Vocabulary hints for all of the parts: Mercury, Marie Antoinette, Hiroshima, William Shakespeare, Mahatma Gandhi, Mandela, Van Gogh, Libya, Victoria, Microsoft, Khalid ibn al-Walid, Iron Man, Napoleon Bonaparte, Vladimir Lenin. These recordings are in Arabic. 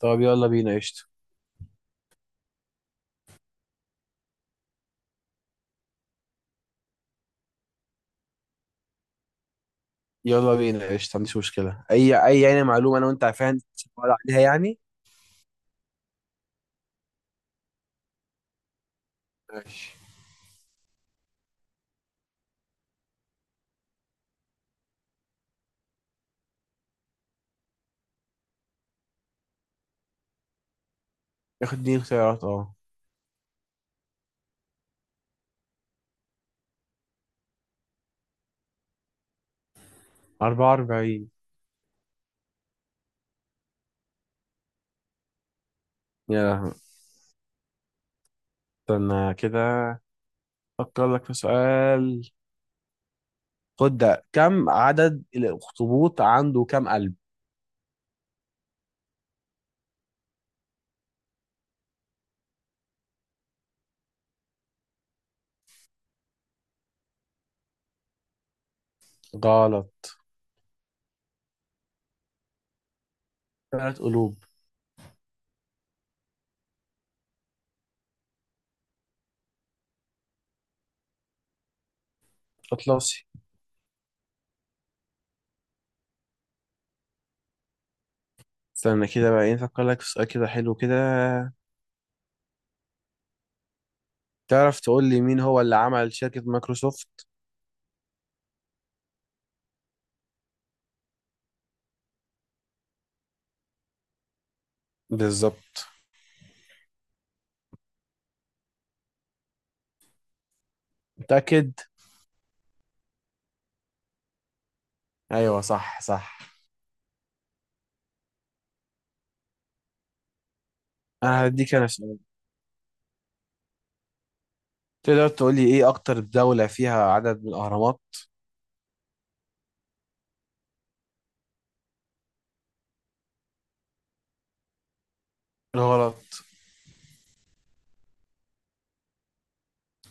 طب يلا بينا قشطة. يلا بينا قشطة، ما عنديش مشكلة أي يعني معلومة أنا وأنت عارفها. ولا عليها يعني. ماشي. ياخد دي اختيارات، أه. 44. يا لهوي. استنى كده، أفكر لك في سؤال. خد ده، كم عدد الأخطبوط؟ عنده كم قلب؟ غلط. ثلاث قلوب. أطلسي. استنى كده بقى، إيه، أفكر لك في سؤال كده حلو كده. تعرف تقول لي مين هو اللي عمل شركة مايكروسوفت؟ بالظبط. متأكد؟ أيوه، صح صح. أنا هديك أنا سؤال. تقدر تقولي ايه اكتر دولة فيها عدد من الاهرامات؟ غلط.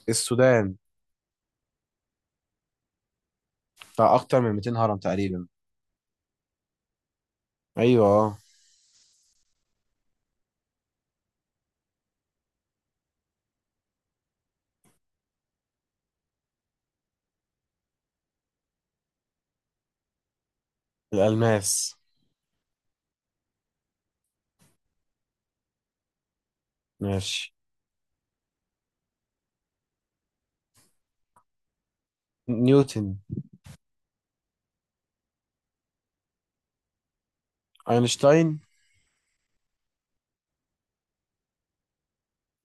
السودان. بتاع اكتر من 200 هرم تقريبا. ايوه آه. الالماس. ماشي. نيوتن. اينشتاين.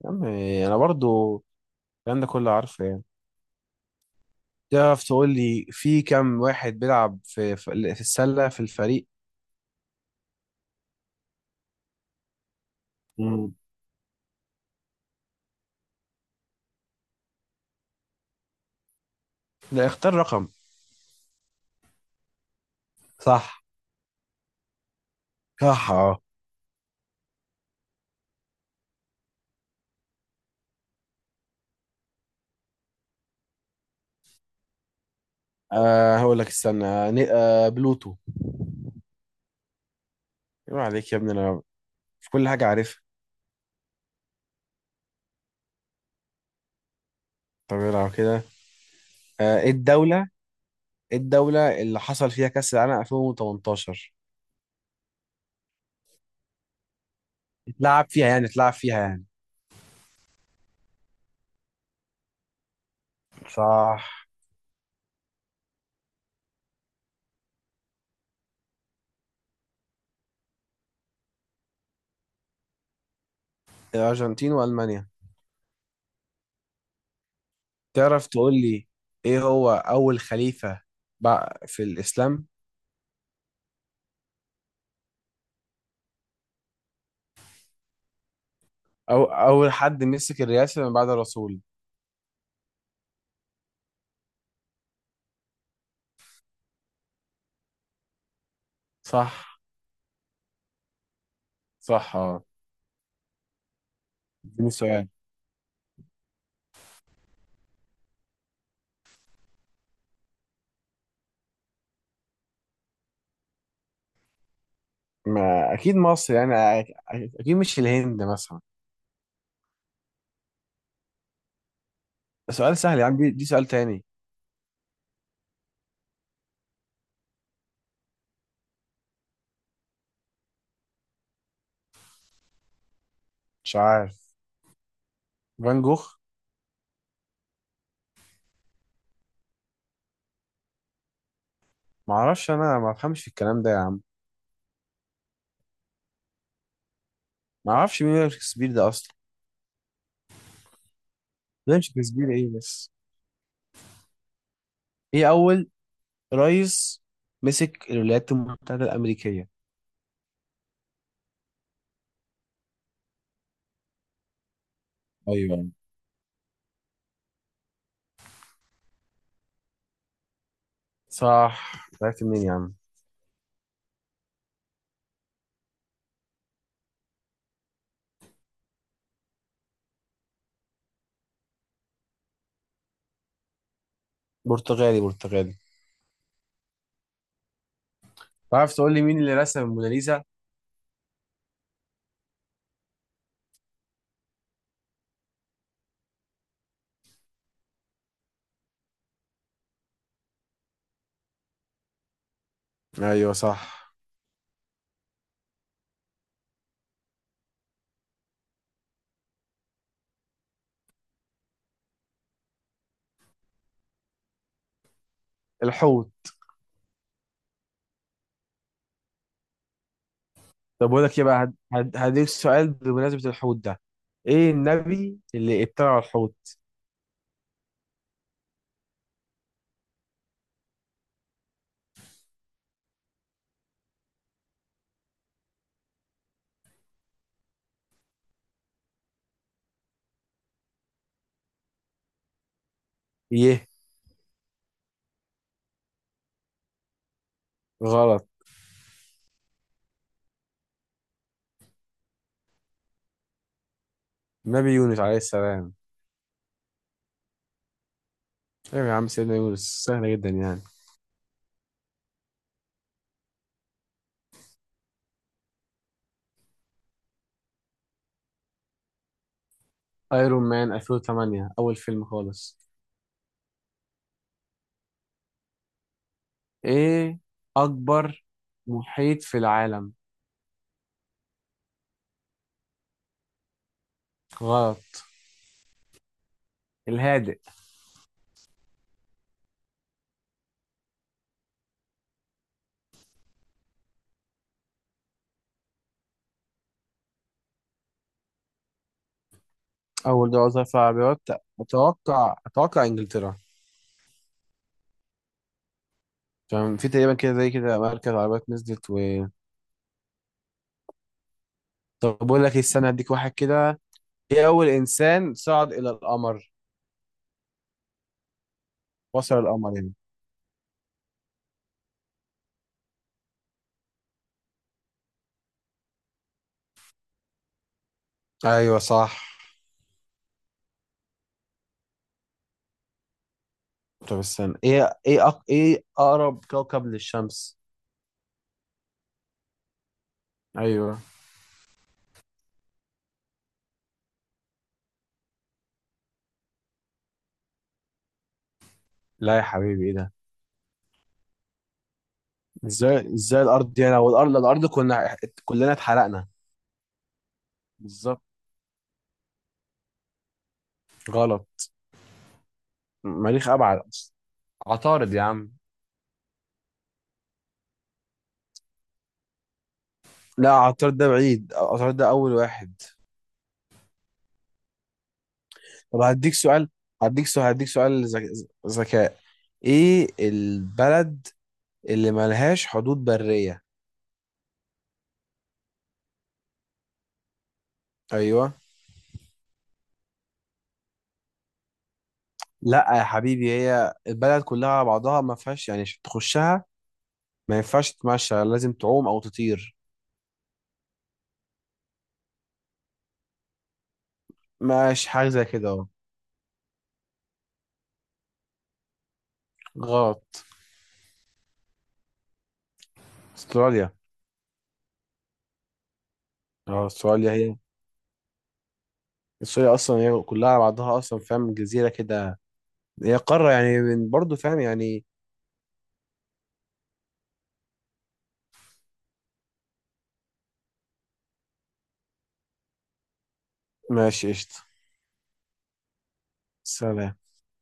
يا عم، انا برضو الكلام ده كله عارفه يعني. تعرف تقول لي في كام واحد بيلعب في السلة في الفريق؟ مم. لا، اختار رقم. صح. صح، اه. هقول لك استنى، بلوتو. ايه عليك يا ابني، انا في كل حاجة عارفها. طب يلا كده. ايه الدولة، إيه الدولة اللي حصل فيها كأس العالم 2018؟ اتلعب فيها يعني. صح. الأرجنتين وألمانيا. تعرف تقول لي، إيه هو أول خليفة بقى في الإسلام؟ أو أول حد مسك الرئاسة من بعد الرسول؟ صح. صح، اه. اديني سؤال. ما أكيد مصر يعني. أكيد مش الهند مثلا. سؤال سهل يا عم. دي سؤال تاني. مش عارف. فان جوخ. معرفش، أنا ما بفهمش في الكلام ده يا عم. معرفش مين ويليام شكسبير ده أصلا. ده شكسبير إيه بس. ايه اول رئيس مسك الولايات المتحدة الامريكية؟ ايوه. صح، عرفت منين يا عم؟ برتغالي، برتغالي. تعرف تقول لي مين اللي رسم الموناليزا؟ ايوه صح. الحوت. طب بقول لك ايه بقى، هديك سؤال بمناسبة الحوت ده. ايه النبي اللي ابتلع الحوت؟ ايه. غلط. نبي يونس عليه السلام. ايوه يا عم، سيدنا يونس، سهلة جدا يعني. ايرون مان 2008، اول فيلم خالص. ايه اكبر محيط في العالم؟ غلط. الهادئ. اول دوري ظهر عربيات؟ اتوقع انجلترا. عشان في تقريبا كده زي كده مركز عربيات نزلت و... طب بقول لك إيه، استنى، هديك واحد كده. ايه اول انسان صعد الى القمر، وصل القمر يعني؟ ايوه صح. طب استنى، ايه اقرب كوكب للشمس؟ ايوه. لا يا حبيبي، ايه ده. ازاي الارض دي، انا والارض كنا كلنا اتحرقنا. بالظبط. غلط. مريخ ابعد أصلاً. عطارد يا عم. لا، عطارد ده بعيد، عطارد ده اول واحد. طب هديك سؤال، هديك سؤال هديك سؤال ذك- ذكاء. ايه البلد اللي ملهاش حدود برية؟ ايوه. لا يا حبيبي، هي البلد كلها على بعضها ما فيهاش يعني عشان تخشها. ما ينفعش تتمشى، لازم تعوم او تطير. ماشي، حاجة زي كده اهو. غلط. استراليا. اه، استراليا. هي استراليا اصلا هي كلها على بعضها اصلا، فاهم، جزيرة كده. هي قارة يعني. برضه فاهم يعني. ماشي قشطة. سلام.